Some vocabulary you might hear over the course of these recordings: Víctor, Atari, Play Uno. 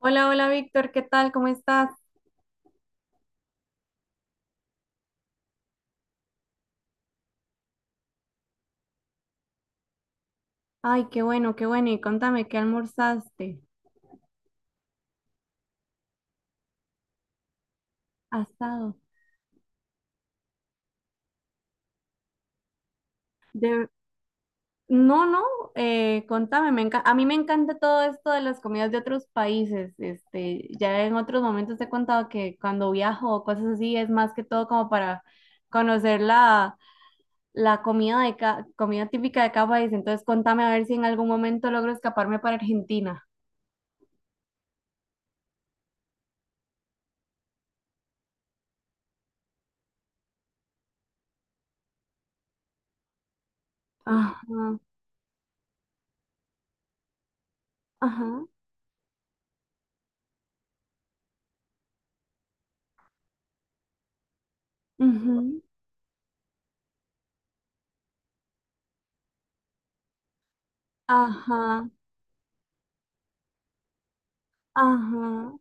Hola, hola Víctor, ¿qué tal? ¿Cómo estás? Ay, qué bueno, qué bueno. Y contame, ¿qué almorzaste? Asado. De... No, no, contame, a mí me encanta todo esto de las comidas de otros países. Este, ya en otros momentos te he contado que cuando viajo o cosas así es más que todo como para conocer la comida de comida típica de cada país. Entonces, contame a ver si en algún momento logro escaparme para Argentina. Ajá, ajá. Ujú. Ajá, ajá.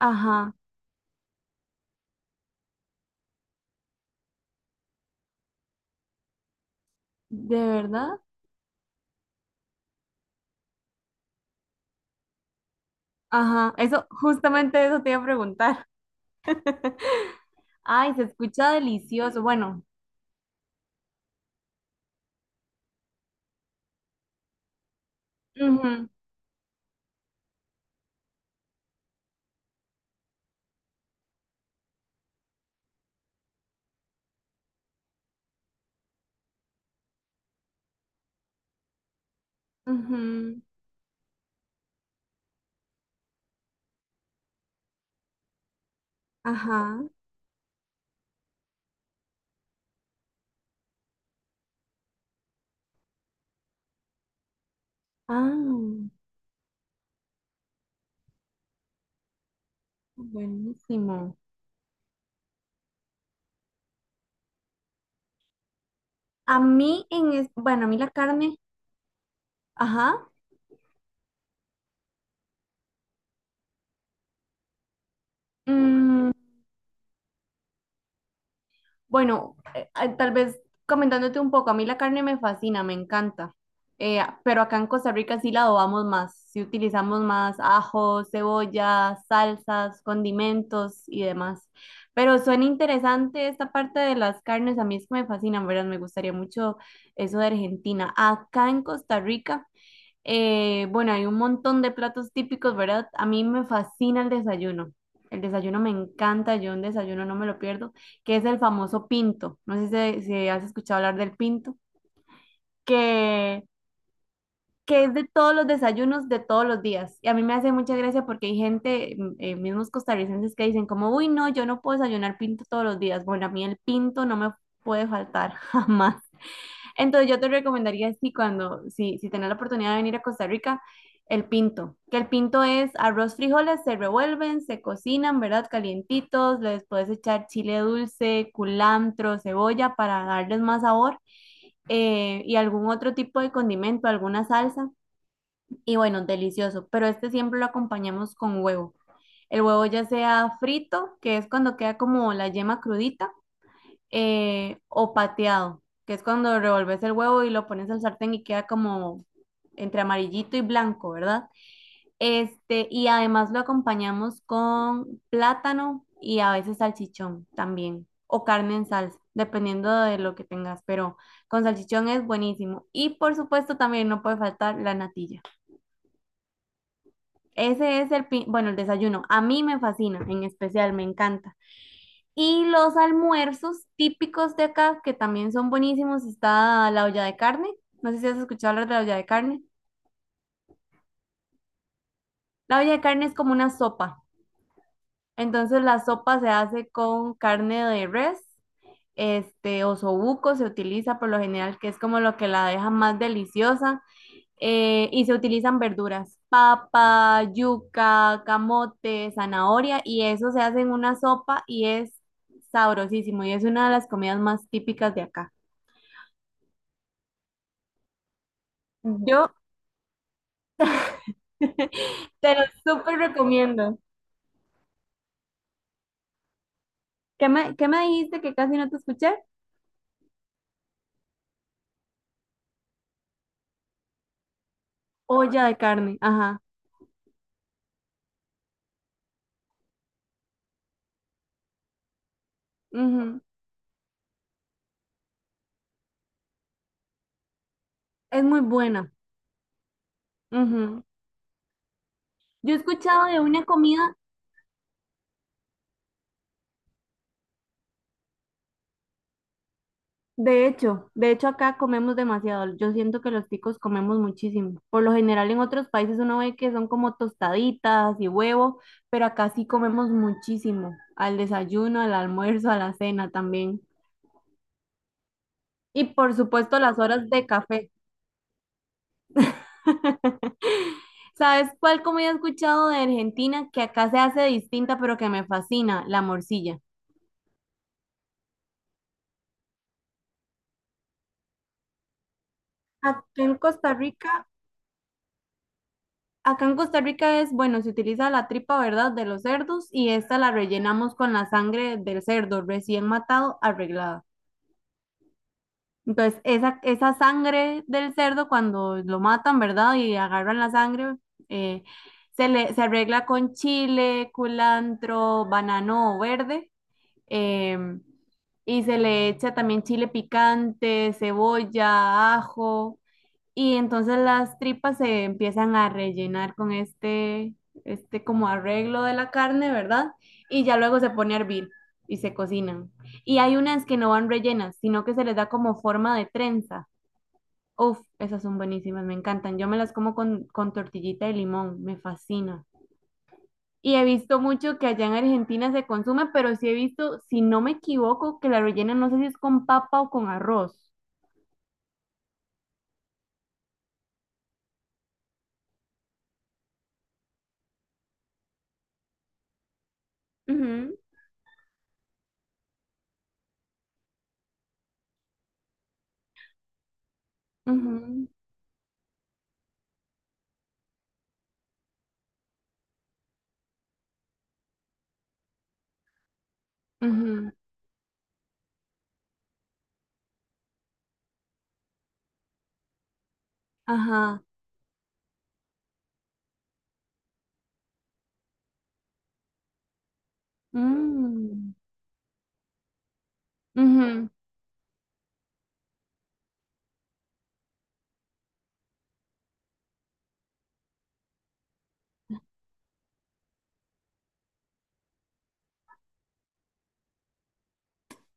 Ajá. ¿De verdad? Ajá, eso, justamente eso te iba a preguntar. Ay, se escucha delicioso. Bueno. Ujú, ujú. Ajá. Ah, buenísimo. A mí en es, bueno, a mí la carne, ajá. mm, Bueno, tal vez comentándote un poco, a mí la carne me fascina, me encanta. Pero acá en Costa Rica sí la adobamos más, sí utilizamos más ajos, cebollas, salsas, condimentos y demás. Pero suena interesante esta parte de las carnes, a mí es que me fascinan, ¿verdad? Me gustaría mucho eso de Argentina. Acá en Costa Rica. Bueno, hay un montón de platos típicos, ¿verdad? A mí me fascina el desayuno. El desayuno me encanta, yo un desayuno no me lo pierdo, que es el famoso pinto. No sé si has escuchado hablar del pinto, que, que es de todos los desayunos de todos los días. Y a mí me hace mucha gracia porque hay gente, mismos costarricenses, que dicen como, uy, no, yo no puedo desayunar pinto todos los días. Bueno, a mí el pinto no me puede faltar jamás. Entonces yo te recomendaría si cuando, si, si tenés la oportunidad de venir a Costa Rica, el pinto, que el pinto es arroz, frijoles, se revuelven, se cocinan, ¿verdad? Calientitos, les puedes echar chile dulce, culantro, cebolla para darles más sabor, y algún otro tipo de condimento, alguna salsa y bueno, delicioso, pero este siempre lo acompañamos con huevo. El huevo ya sea frito, que es cuando queda como la yema crudita, o pateado, que es cuando revolves el huevo y lo pones al sartén y queda como entre amarillito y blanco, ¿verdad? Este, y además lo acompañamos con plátano y a veces salchichón también, o carne en salsa, dependiendo de lo que tengas, pero con salchichón es buenísimo. Y por supuesto también no puede faltar la natilla. Ese es bueno, el desayuno. A mí me fascina, en especial, me encanta. Y los almuerzos típicos de acá, que también son buenísimos, está la olla de carne. No sé si has escuchado hablar de la olla de carne. La olla de carne es como una sopa. Entonces la sopa se hace con carne de res, este, o osobuco se utiliza por lo general, que es como lo que la deja más deliciosa. Y se utilizan verduras, papa, yuca, camote, zanahoria, y eso se hace en una sopa y es sabrosísimo y es una de las comidas más típicas de acá. Yo te lo súper recomiendo. ¿Qué me dijiste que casi no te escuché? Olla de carne, ajá. Ujú. Es muy buena. Ujú. Yo he escuchado de una comida, de hecho acá comemos demasiado. Yo siento que los ticos comemos muchísimo. Por lo general en otros países uno ve que son como tostaditas y huevo, pero acá sí comemos muchísimo. Al desayuno, al almuerzo, a la cena también. Y por supuesto las horas de café. ¿Sabes cuál comida he escuchado de Argentina que acá se hace distinta pero que me fascina? La morcilla. Acá en Costa Rica, acá en Costa Rica es, bueno, se utiliza la tripa, ¿verdad?, de los cerdos y esta la rellenamos con la sangre del cerdo recién matado, arreglada. Entonces, esa sangre del cerdo, cuando lo matan, ¿verdad?, y agarran la sangre, eh, se arregla con chile, culantro, banano verde, em, y se le echa también chile picante, cebolla, ajo, y entonces las tripas se empiezan a rellenar con este como arreglo de la carne, ¿verdad? Y ya luego se pone a hervir y se cocinan. Y hay unas que no van rellenas, sino que se les da como forma de trenza. Uf, esas son buenísimas, me encantan. Yo me las como con tortillita de limón, me fascina. Y he visto mucho que allá en Argentina se consume, pero sí he visto, si no me equivoco, que la rellenan, no sé si es con papa o con arroz. Ujú. Ujú, ujú. Ajá. mm, Ujú.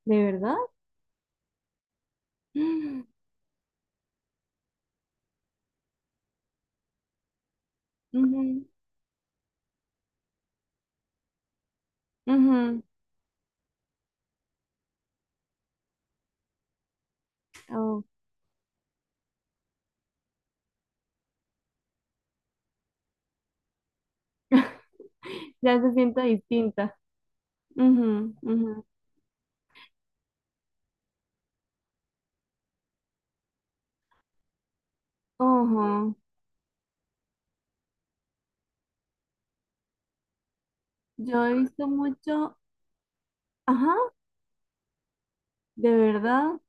¿De verdad? Mm, ujú, ujú. Oh. Ya se siente distinta. Ujú, ujú. Ojo. Yo he visto mucho. Ajá, ¿de verdad?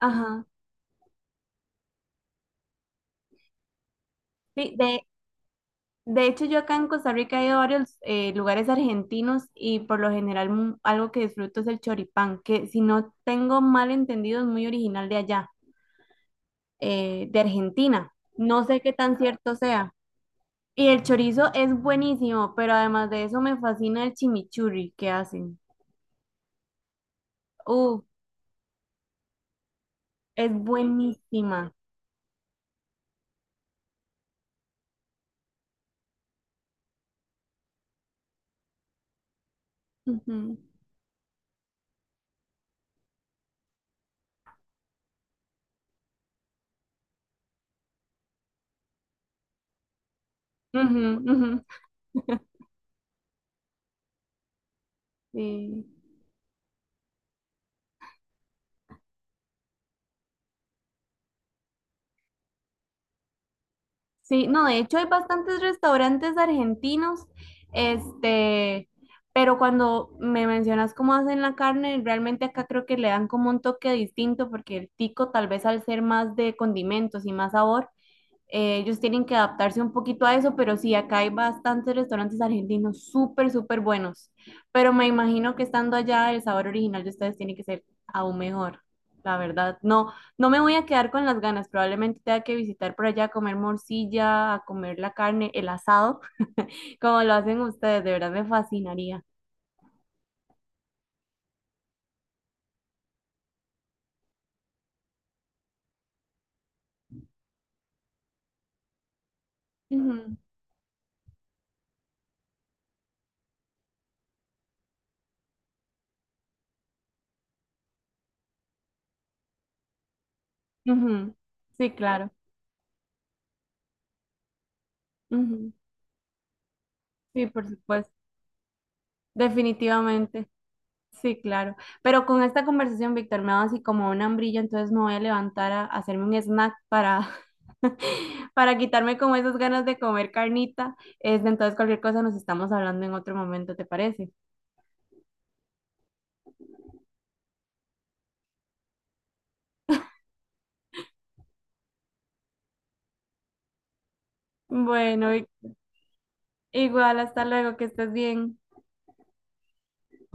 Ajá. Sí, de. De hecho, yo acá en Costa Rica he ido a varios lugares argentinos y por lo general algo que disfruto es el choripán, que si no tengo mal entendido es muy original de allá, de Argentina. No sé qué tan cierto sea. Y el chorizo es buenísimo, pero además de eso me fascina el chimichurri que hacen. Uf, es buenísima. Ujú, ujú, ujú, sí. Sí, no, de hecho hay bastantes restaurantes argentinos, este, pero cuando me mencionas cómo hacen la carne, realmente acá creo que le dan como un toque distinto porque el tico tal vez al ser más de condimentos y más sabor, ellos tienen que adaptarse un poquito a eso, pero sí, acá hay bastantes restaurantes argentinos súper, súper buenos. Pero me imagino que estando allá, el sabor original de ustedes tiene que ser aún mejor, la verdad. No, no me voy a quedar con las ganas. Probablemente tenga que visitar por allá a comer morcilla, a comer la carne, el asado, como lo hacen ustedes. De verdad me fascinaría. Ujú, ujú. Sí, claro. Ujú. Sí, por supuesto. Definitivamente. Sí, claro. Pero con esta conversación, Víctor, me ha dado así como un hambrillo, entonces me voy a levantar a hacerme un snack para, para quitarme como esas ganas de comer carnita. Este, entonces, cualquier cosa nos estamos hablando en otro momento, ¿te parece? Bueno, igual, hasta luego, que estés bien.